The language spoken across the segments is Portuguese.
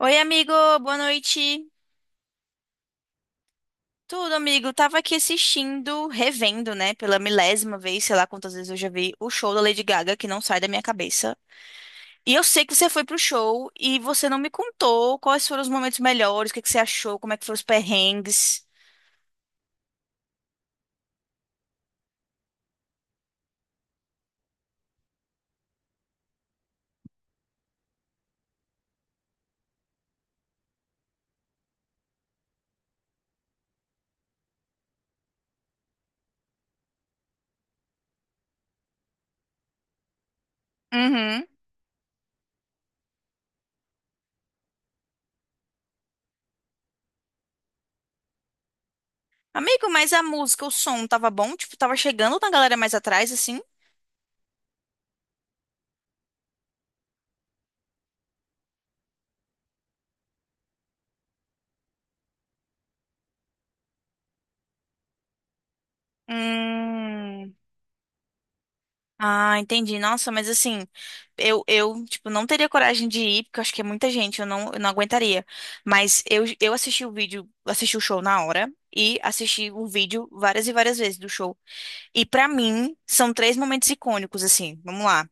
Oi, amigo, boa noite. Tudo, amigo? Tava aqui assistindo, revendo, né, pela milésima vez, sei lá quantas vezes eu já vi o show da Lady Gaga, que não sai da minha cabeça. E eu sei que você foi pro show e você não me contou quais foram os momentos melhores, o que que você achou, como é que foram os perrengues. Uhum. Amigo, mas a música, o som tava bom? Tipo, tava chegando na galera mais atrás, assim? Hum. Ah, entendi. Nossa, mas assim, eu, tipo, não teria coragem de ir, porque eu acho que é muita gente, eu não aguentaria. Mas eu assisti o vídeo, assisti o show na hora e assisti o vídeo várias e várias vezes do show. E pra mim, são três momentos icônicos, assim. Vamos lá.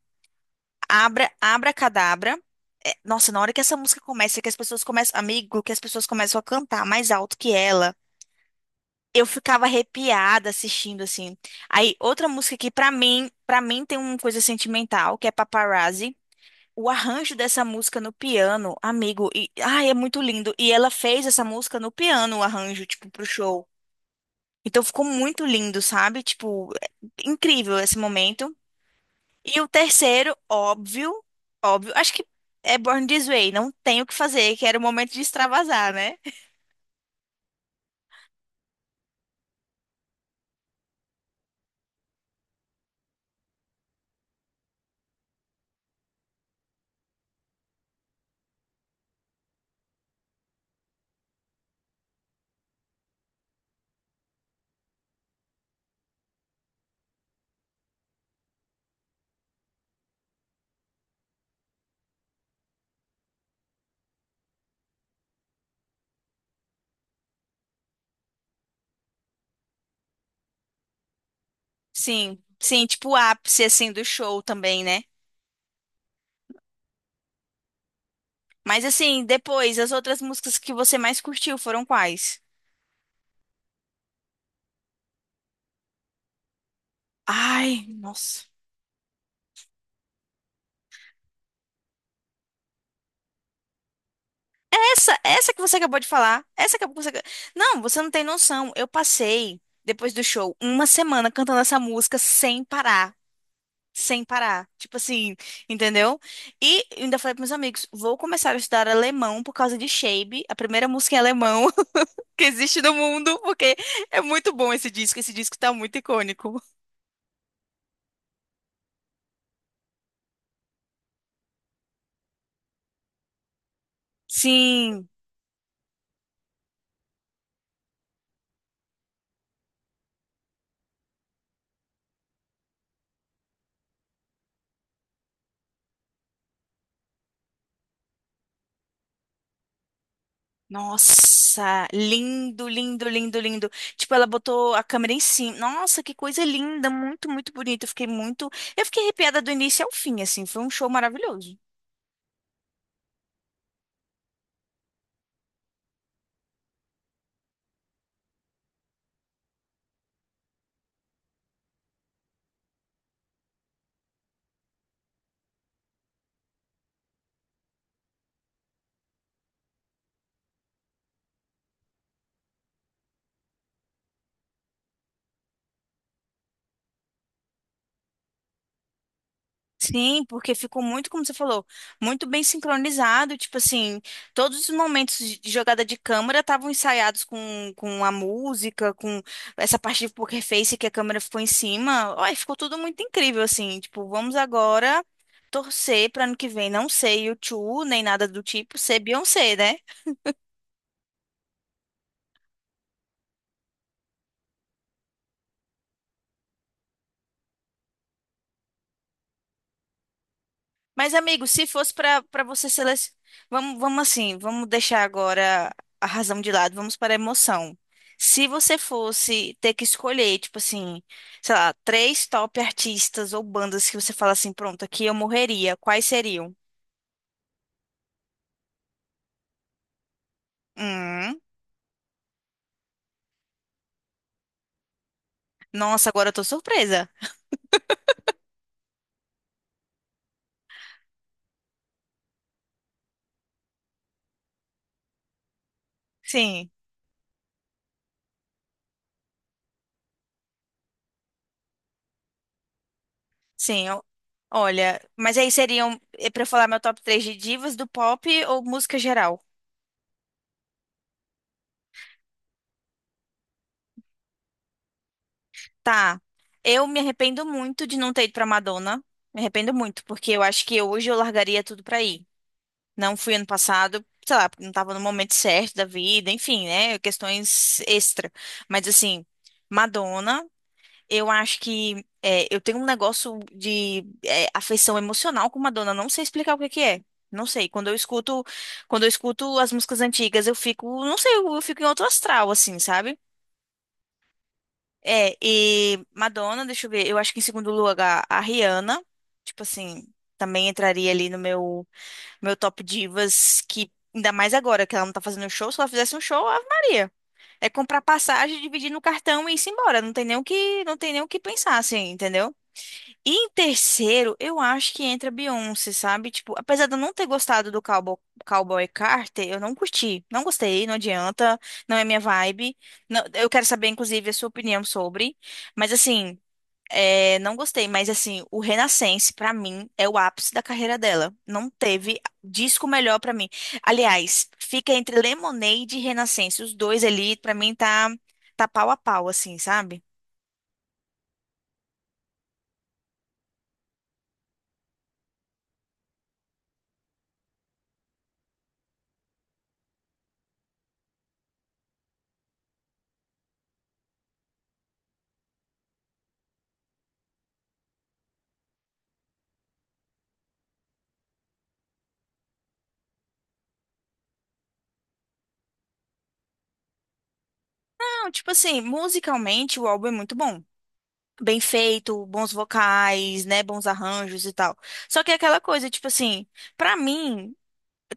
Abra, Abra Cadabra. É, nossa, na hora que essa música começa, que as pessoas começam, amigo, que as pessoas começam a cantar mais alto que ela eu ficava arrepiada assistindo assim. Aí outra música que para mim tem uma coisa sentimental, que é Paparazzi. O arranjo dessa música no piano, amigo, e ai, é muito lindo. E ela fez essa música no piano, o arranjo, tipo, pro show. Então ficou muito lindo, sabe? Tipo, é incrível esse momento. E o terceiro, óbvio, acho que é Born This Way, não tem o que fazer, que era o momento de extravasar, né? Sim, sim, tipo o ápice assim do show também, né? Mas assim, depois, as outras músicas que você mais curtiu foram quais? Ai, nossa. Essa que você acabou de falar, essa que você não tem noção. Eu passei, depois do show, uma semana cantando essa música sem parar. Sem parar. Tipo assim, entendeu? E ainda falei para meus amigos, vou começar a estudar alemão por causa de Shape, a primeira música em alemão que existe no mundo, porque é muito bom esse disco. Esse disco tá muito icônico. Sim. Nossa, lindo, lindo, lindo, lindo. Tipo, ela botou a câmera em cima. Nossa, que coisa linda, muito, muito bonito. Eu fiquei muito, eu fiquei arrepiada do início ao fim, assim. Foi um show maravilhoso. Sim, porque ficou muito, como você falou, muito bem sincronizado. Tipo assim, todos os momentos de jogada de câmera estavam ensaiados com a música, com essa parte de poker face que a câmera ficou em cima. Ai, ficou tudo muito incrível, assim. Tipo, vamos agora torcer para ano que vem não ser U2, nem nada do tipo, ser Beyoncé, né? Mas, amigo, se fosse para você selecionar. Vamos, vamos assim, vamos deixar agora a razão de lado, vamos para a emoção. Se você fosse ter que escolher, tipo assim, sei lá, três top artistas ou bandas que você fala assim, pronto, aqui eu morreria, quais seriam? Hum, nossa, agora eu tô surpresa. Sim, sim. Eu- olha, mas aí seriam, é pra eu falar meu top três de divas do pop ou música geral? Tá. Eu me arrependo muito de não ter ido pra Madonna. Me arrependo muito, porque eu acho que hoje eu largaria tudo pra ir. Não fui ano passado, sei lá, porque não tava no momento certo da vida, enfim, né? Questões extra. Mas assim, Madonna, eu acho que é, eu tenho um negócio de é, afeição emocional com Madonna. Não sei explicar o que que é. Não sei. Quando eu escuto as músicas antigas, eu fico, não sei, eu fico em outro astral, assim, sabe? É, e Madonna, deixa eu ver, eu acho que em segundo lugar a Rihanna, tipo assim, também entraria ali no meu top divas, que ainda mais agora que ela não tá fazendo show, se ela fizesse um show, Ave Maria. É comprar passagem, dividir no cartão e ir embora, não tem nem o que pensar assim, entendeu? E em terceiro, eu acho que entra Beyoncé, sabe? Tipo, apesar de eu não ter gostado do Cowboy, Cowboy Carter, eu não curti. Não gostei, não adianta, não é minha vibe. Não- eu quero saber, inclusive, a sua opinião sobre. Mas, assim, é, não gostei. Mas, assim, o Renaissance, pra mim, é o ápice da carreira dela. Não teve disco melhor pra mim. Aliás, fica entre Lemonade e Renaissance. Os dois ali, pra mim, tá, tá pau a pau, assim, sabe? Não, tipo assim, musicalmente o álbum é muito bom. Bem feito, bons vocais, né, bons arranjos e tal. Só que é aquela coisa, tipo assim, pra mim,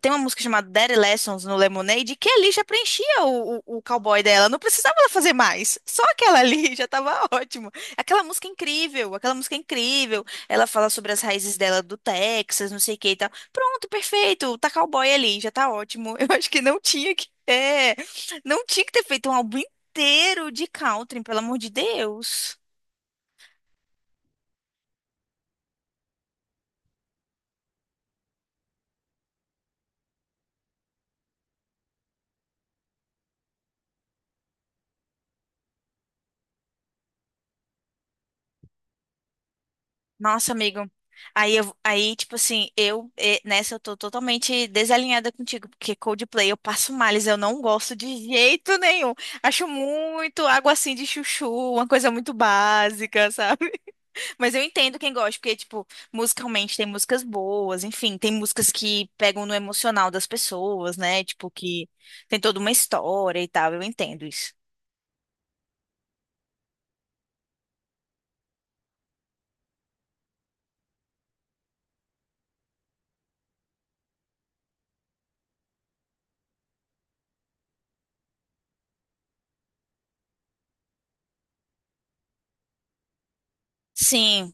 tem uma música chamada Daddy Lessons no Lemonade que ali já preenchia o cowboy dela, não precisava ela fazer mais. Só aquela ali já tava ótimo. Aquela música é incrível, aquela música é incrível. Ela fala sobre as raízes dela do Texas, não sei o que e tal. Pronto, perfeito, tá cowboy ali, já tá ótimo. Eu acho que não tinha que ter feito um álbum inteiro de country, pelo amor de Deus. Nossa, amigo. Aí, tipo assim, nessa eu tô totalmente desalinhada contigo, porque Coldplay eu passo males, eu não gosto de jeito nenhum. Acho muito água assim de chuchu, uma coisa muito básica, sabe? Mas eu entendo quem gosta, porque, tipo, musicalmente tem músicas boas, enfim, tem músicas que pegam no emocional das pessoas, né? Tipo, que tem toda uma história e tal, eu entendo isso. Sim,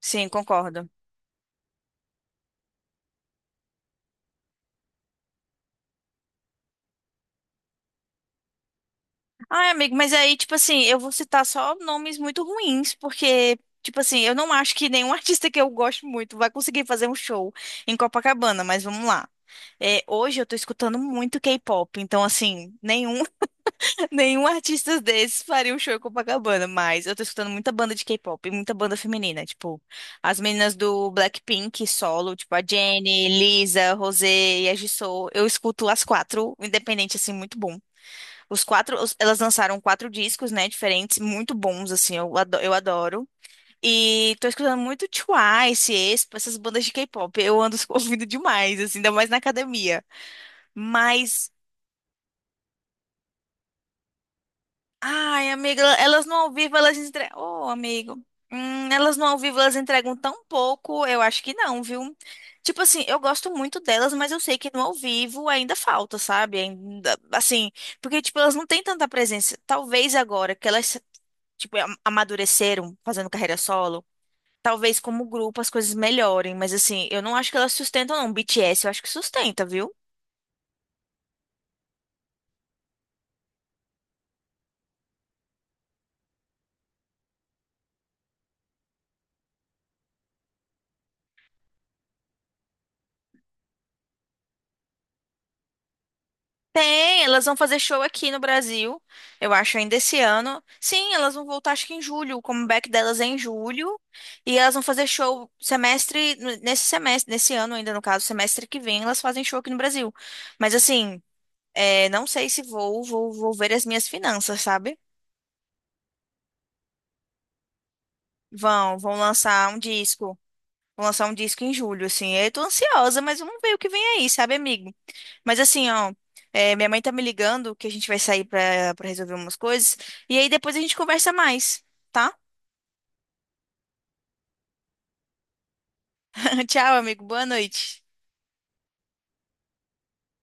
sim, concordo. Ai, amigo, mas aí, tipo assim, eu vou citar só nomes muito ruins, porque, tipo assim, eu não acho que nenhum artista que eu gosto muito vai conseguir fazer um show em Copacabana, mas vamos lá. É, hoje eu tô escutando muito K-pop, então, assim, nenhum artista desses faria um show em Copacabana, mas eu tô escutando muita banda de K-pop, e muita banda feminina, tipo, as meninas do Blackpink solo, tipo a Jennie, Lisa, Rosé e a Jisoo, eu escuto as quatro, independente, assim, muito bom. Elas lançaram quatro discos, né, diferentes, muito bons, assim, eu adoro. E tô escutando muito Twice, Aespa, essas bandas de K-pop. Eu ando ouvindo demais, assim, ainda mais na academia. Mas, ai, amiga, elas no ao vivo, elas entregam. Ô, amigo, elas no ao vivo, elas entregam tão pouco, eu acho que não, viu? Tipo assim, eu gosto muito delas, mas eu sei que no ao vivo ainda falta, sabe? Ainda, assim, porque, tipo, elas não têm tanta presença. Talvez agora que elas tipo, amadureceram fazendo carreira solo. Talvez como grupo as coisas melhorem, mas assim, eu não acho que elas sustentam, não. BTS eu acho que sustenta, viu? Tem, elas vão fazer show aqui no Brasil, eu acho, ainda esse ano. Sim, elas vão voltar, acho que em julho. O comeback delas é em julho. E elas vão fazer show nesse semestre, nesse ano ainda, no caso, semestre que vem, elas fazem show aqui no Brasil. Mas assim, é, não sei se vou ver as minhas finanças, sabe? Vão, vão lançar um disco. Vou lançar um disco em julho, assim. Eu tô ansiosa, mas vamos ver o que vem aí, sabe, amigo? Mas assim, ó, é, minha mãe tá me ligando que a gente vai sair pra resolver umas coisas. E aí depois a gente conversa mais, tá? Tchau, amigo. Boa noite.